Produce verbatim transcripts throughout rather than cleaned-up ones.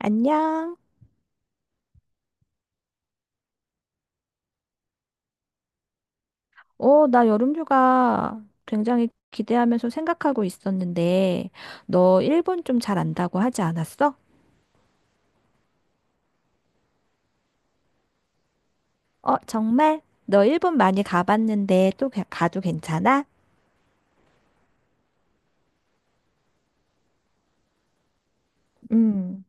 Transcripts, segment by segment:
안녕. 어, 나 여름휴가 굉장히 기대하면서 생각하고 있었는데, 너 일본 좀 잘 안다고 하지 않았어? 어, 정말? 너 일본 많이 가봤는데 또 가- 가도 괜찮아? 음,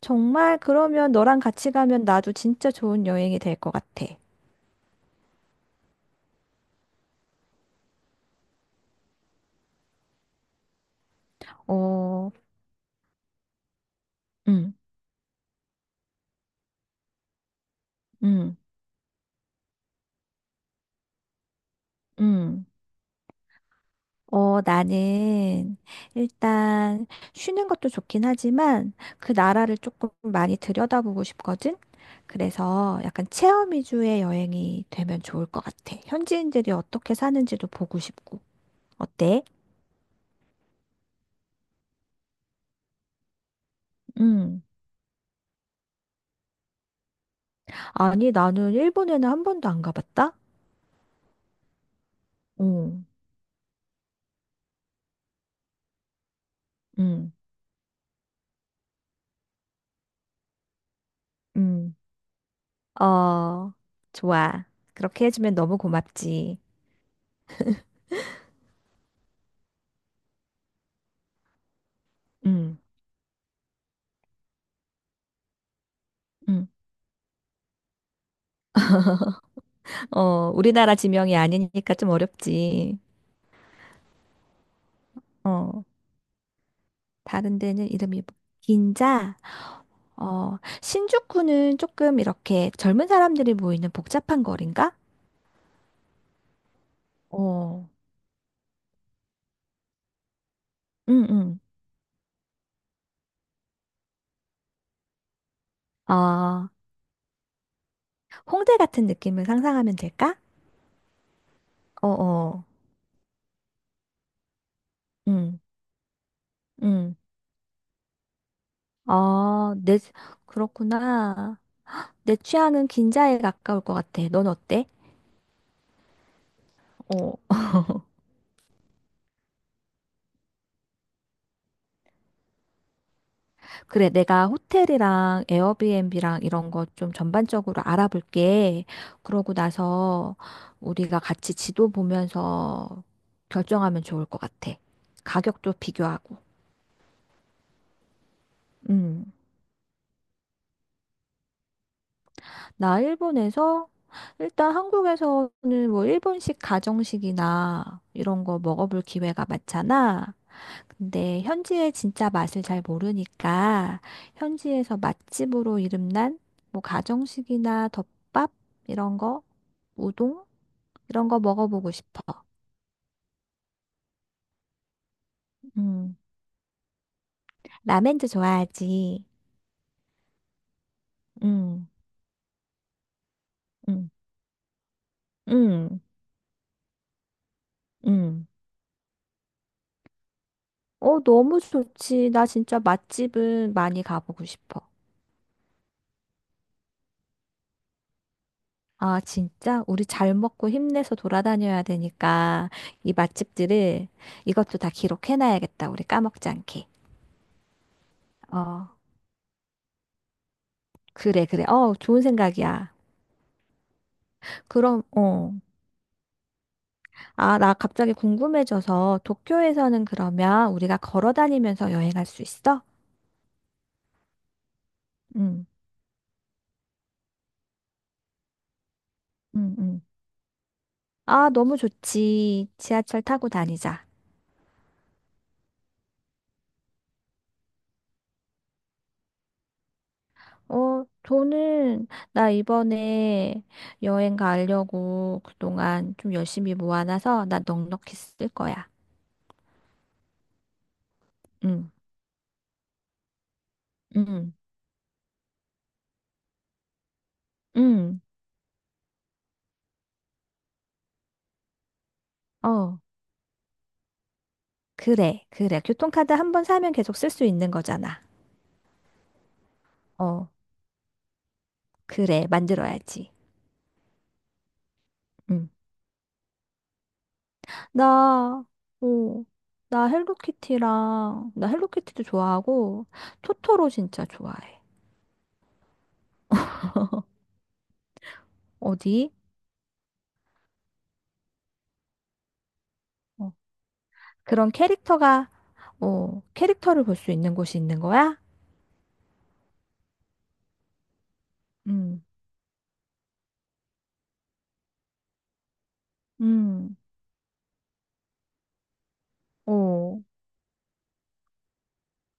정말 그러면 너랑 같이 가면 나도 진짜 좋은 여행이 될 것 같아. 어, 음, 음, 음. 어, 나는 일단 쉬는 것도 좋긴 하지만 그 나라를 조금 많이 들여다보고 싶거든. 그래서 약간 체험 위주의 여행이 되면 좋을 것 같아. 현지인들이 어떻게 사는지도 보고 싶고. 어때? 음. 아니, 나는 일본에는 한 번도 안 가봤다? 응, 응, 응. 어, 좋아. 그렇게 해주면 너무 고맙지. 응, 응. 어, 우리나라 지명이 아니니까 좀 어렵지. 어. 다른 데는 이름이 뭐- 긴자. 어, 신주쿠는 조금 이렇게 젊은 사람들이 모이는 복잡한 거리인가? 어, 응, 응. 어, 홍대 같은 느낌을 상상하면 될까? 어, 어, 응, 응. 어, 내, 그렇구나. 내 취향은 긴자에 가까울 것 같아. 넌 어때? 어. 그래, 내가 호텔이랑 에어비앤비랑 이런 거 좀 전반적으로 알아볼게. 그러고 나서 우리가 같이 지도 보면서 결정하면 좋을 것 같아. 가격도 비교하고. 음. 나 일본에서 일단 한국에서는 뭐 일본식 가정식이나 이런 거 먹어볼 기회가 많잖아. 근데 현지의 진짜 맛을 잘 모르니까 현지에서 맛집으로 이름난 뭐 가정식이나 덮밥 이런 거, 우동 이런 거 먹어보고 싶어. 음. 라멘도 좋아하지. 음. 음. 음. 음. 어, 너무 좋지. 나 진짜 맛집은 많이 가보고 싶어. 아, 진짜? 우리 잘 먹고 힘내서 돌아다녀야 되니까 이 맛집들을 이것도 다 기록해놔야겠다. 우리 까먹지 않게. 어. 그래, 그래. 어, 좋은 생각이야. 그럼, 어. 아, 나 갑자기 궁금해져서 도쿄에서는 그러면 우리가 걸어 다니면서 여행할 수 있어? 응, 응, 응. 아, 너무 좋지. 지하철 타고 다니자. 어, 돈은 나 이번에 여행 가려고 그동안 좀 열심히 모아놔서 나 넉넉히 쓸 거야. 응, 응, 응. 어, 그래, 그래. 교통카드 한 번 사면 계속 쓸 수 있는 거잖아. 어, 그래. 만들어야지. 응. 나, 어, 나 헬로키티랑, 나 헬로키티도 좋아하고, 토토로 진짜 좋아해. 어디? 어, 그런 캐릭터가, 어, 캐릭터를 볼 수 있는 곳이 있는 거야? 응, 응, 어.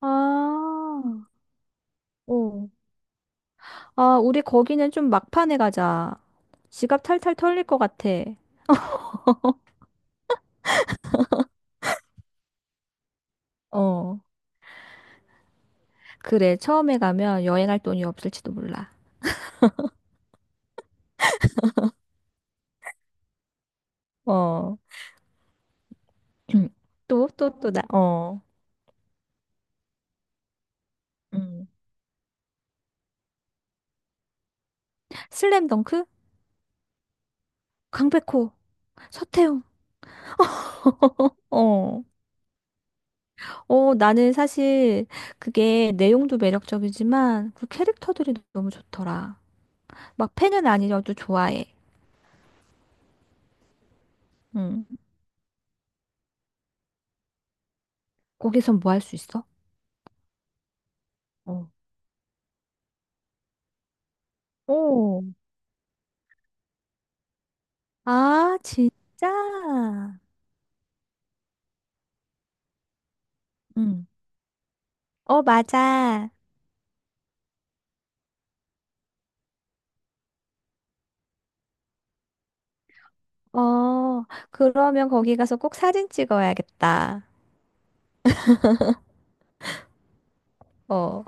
아, 어. 아, 우리 거기는 좀 막판에 가자. 지갑 탈탈 털릴 것 같아. 어. 그래, 처음에 가면 여행할 돈이 없을지도 몰라. 어. 또, 또, 또, 나, 어. 음. 슬램덩크? 강백호, 서태웅. 어, 어, 나는 사실 그게 내용도 매력적이지만 그 캐릭터들이 너무 좋더라. 막 팬은 아니어도 좋아해. 응. 거기선 뭐 할 수 있어? 어. 오. 아, 진짜? 응. 어, 맞아. 어, 그러면 거기 가서 꼭 사진 찍어야겠다. 어.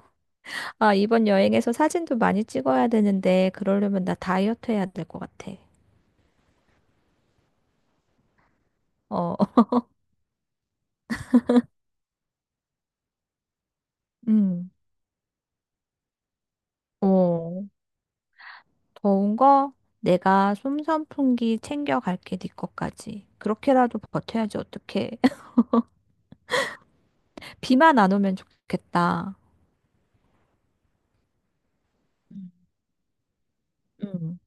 아, 이번 여행에서 사진도 많이 찍어야 되는데, 그러려면 나 다이어트 해야 될 것 같아. 어. 음. 어, 더운 거 내가 솜선풍기 챙겨갈게, 네 것까지. 그렇게라도 버텨야지, 어떡해. 비만 안 오면 좋겠다. 음. 응,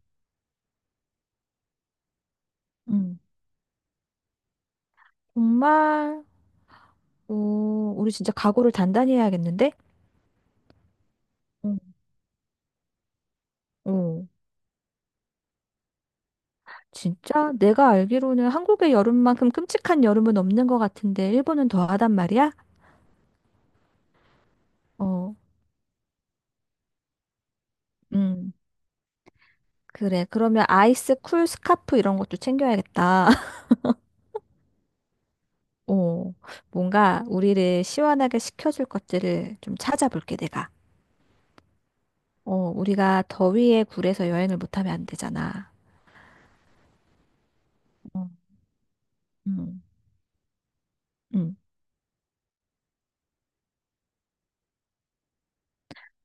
응. 정말, 어, 우리 진짜 각오를 단단히 해야겠는데? 음. 어, 진짜? 내가 알기로는 한국의 여름만큼 끔찍한 여름은 없는 것 같은데, 일본은 더하단 말이야? 어, 응. 그래. 그러면 아이스 쿨 스카프 이런 것도 챙겨야겠다. 어, 뭔가 우리를 시원하게 식혀줄 것들을 좀 찾아볼게, 내가. 어, 우리가 더위에 굴해서 여행을 못하면 안 되잖아. 어, 음, 음.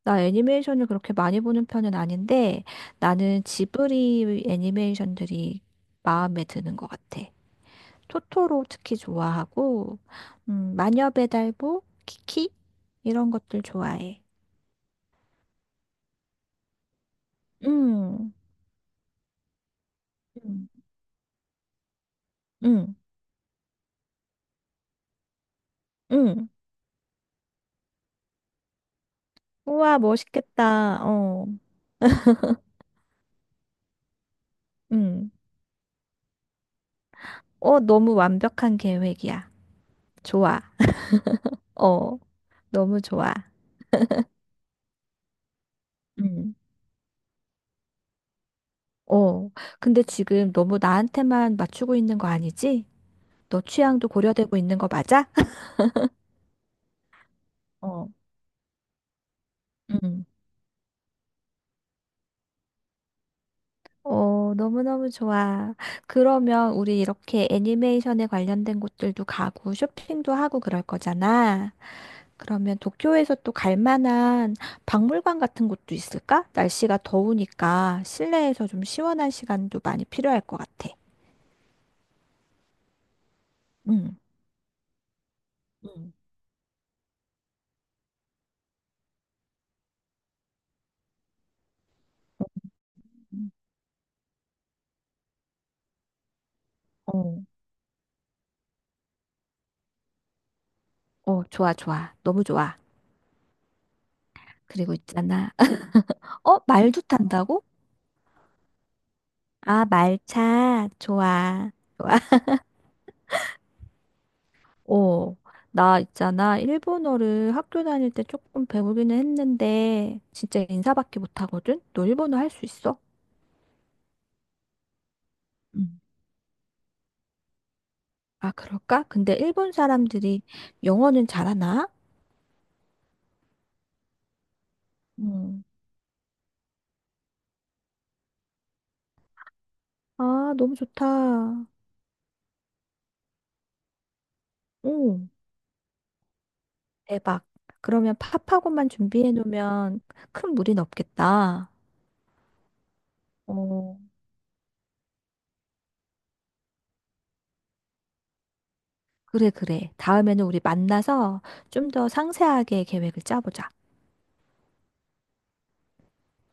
나 애니메이션을 그렇게 많이 보는 편은 아닌데 나는 지브리 애니메이션들이 마음에 드는 것 같아. 토토로 특히 좋아하고, 음, 마녀 배달보, 키키 이런 것들 좋아해. 음, 음, 음, 음. 우와, 멋있겠다. 어, 음. 어, 너무 완벽한 계획이야. 좋아. 어, 너무 좋아. 음. 어, 근데 지금 너무 나한테만 맞추고 있는 거 아니지? 너 취향도 고려되고 있는 거 맞아? 어, 음. 어, 너무너무 좋아. 그러면 우리 이렇게 애니메이션에 관련된 곳들도 가고 쇼핑도 하고 그럴 거잖아. 그러면 도쿄에서 또 갈 만한 박물관 같은 곳도 있을까? 날씨가 더우니까 실내에서 좀 시원한 시간도 많이 필요할 것 같아. 음. 응. 어, 어, 좋아, 좋아. 너무 좋아. 그리고 있잖아. 어, 말도 탄다고? 아, 말차. 좋아. 좋아. 어, 나 있잖아. 일본어를 학교 다닐 때 조금 배우기는 했는데, 진짜 인사밖에 못하거든? 너 일본어 할 수 있어? 응. 아, 그럴까? 근데 일본 사람들이 영어는 잘하나? 응. 아, 너무 좋다. 오, 대박. 그러면 팝하고만 준비해 놓으면 큰 무리는 없겠다. 어, 그래, 그래. 다음에는 우리 만나서 좀 더 상세하게 계획을 짜보자.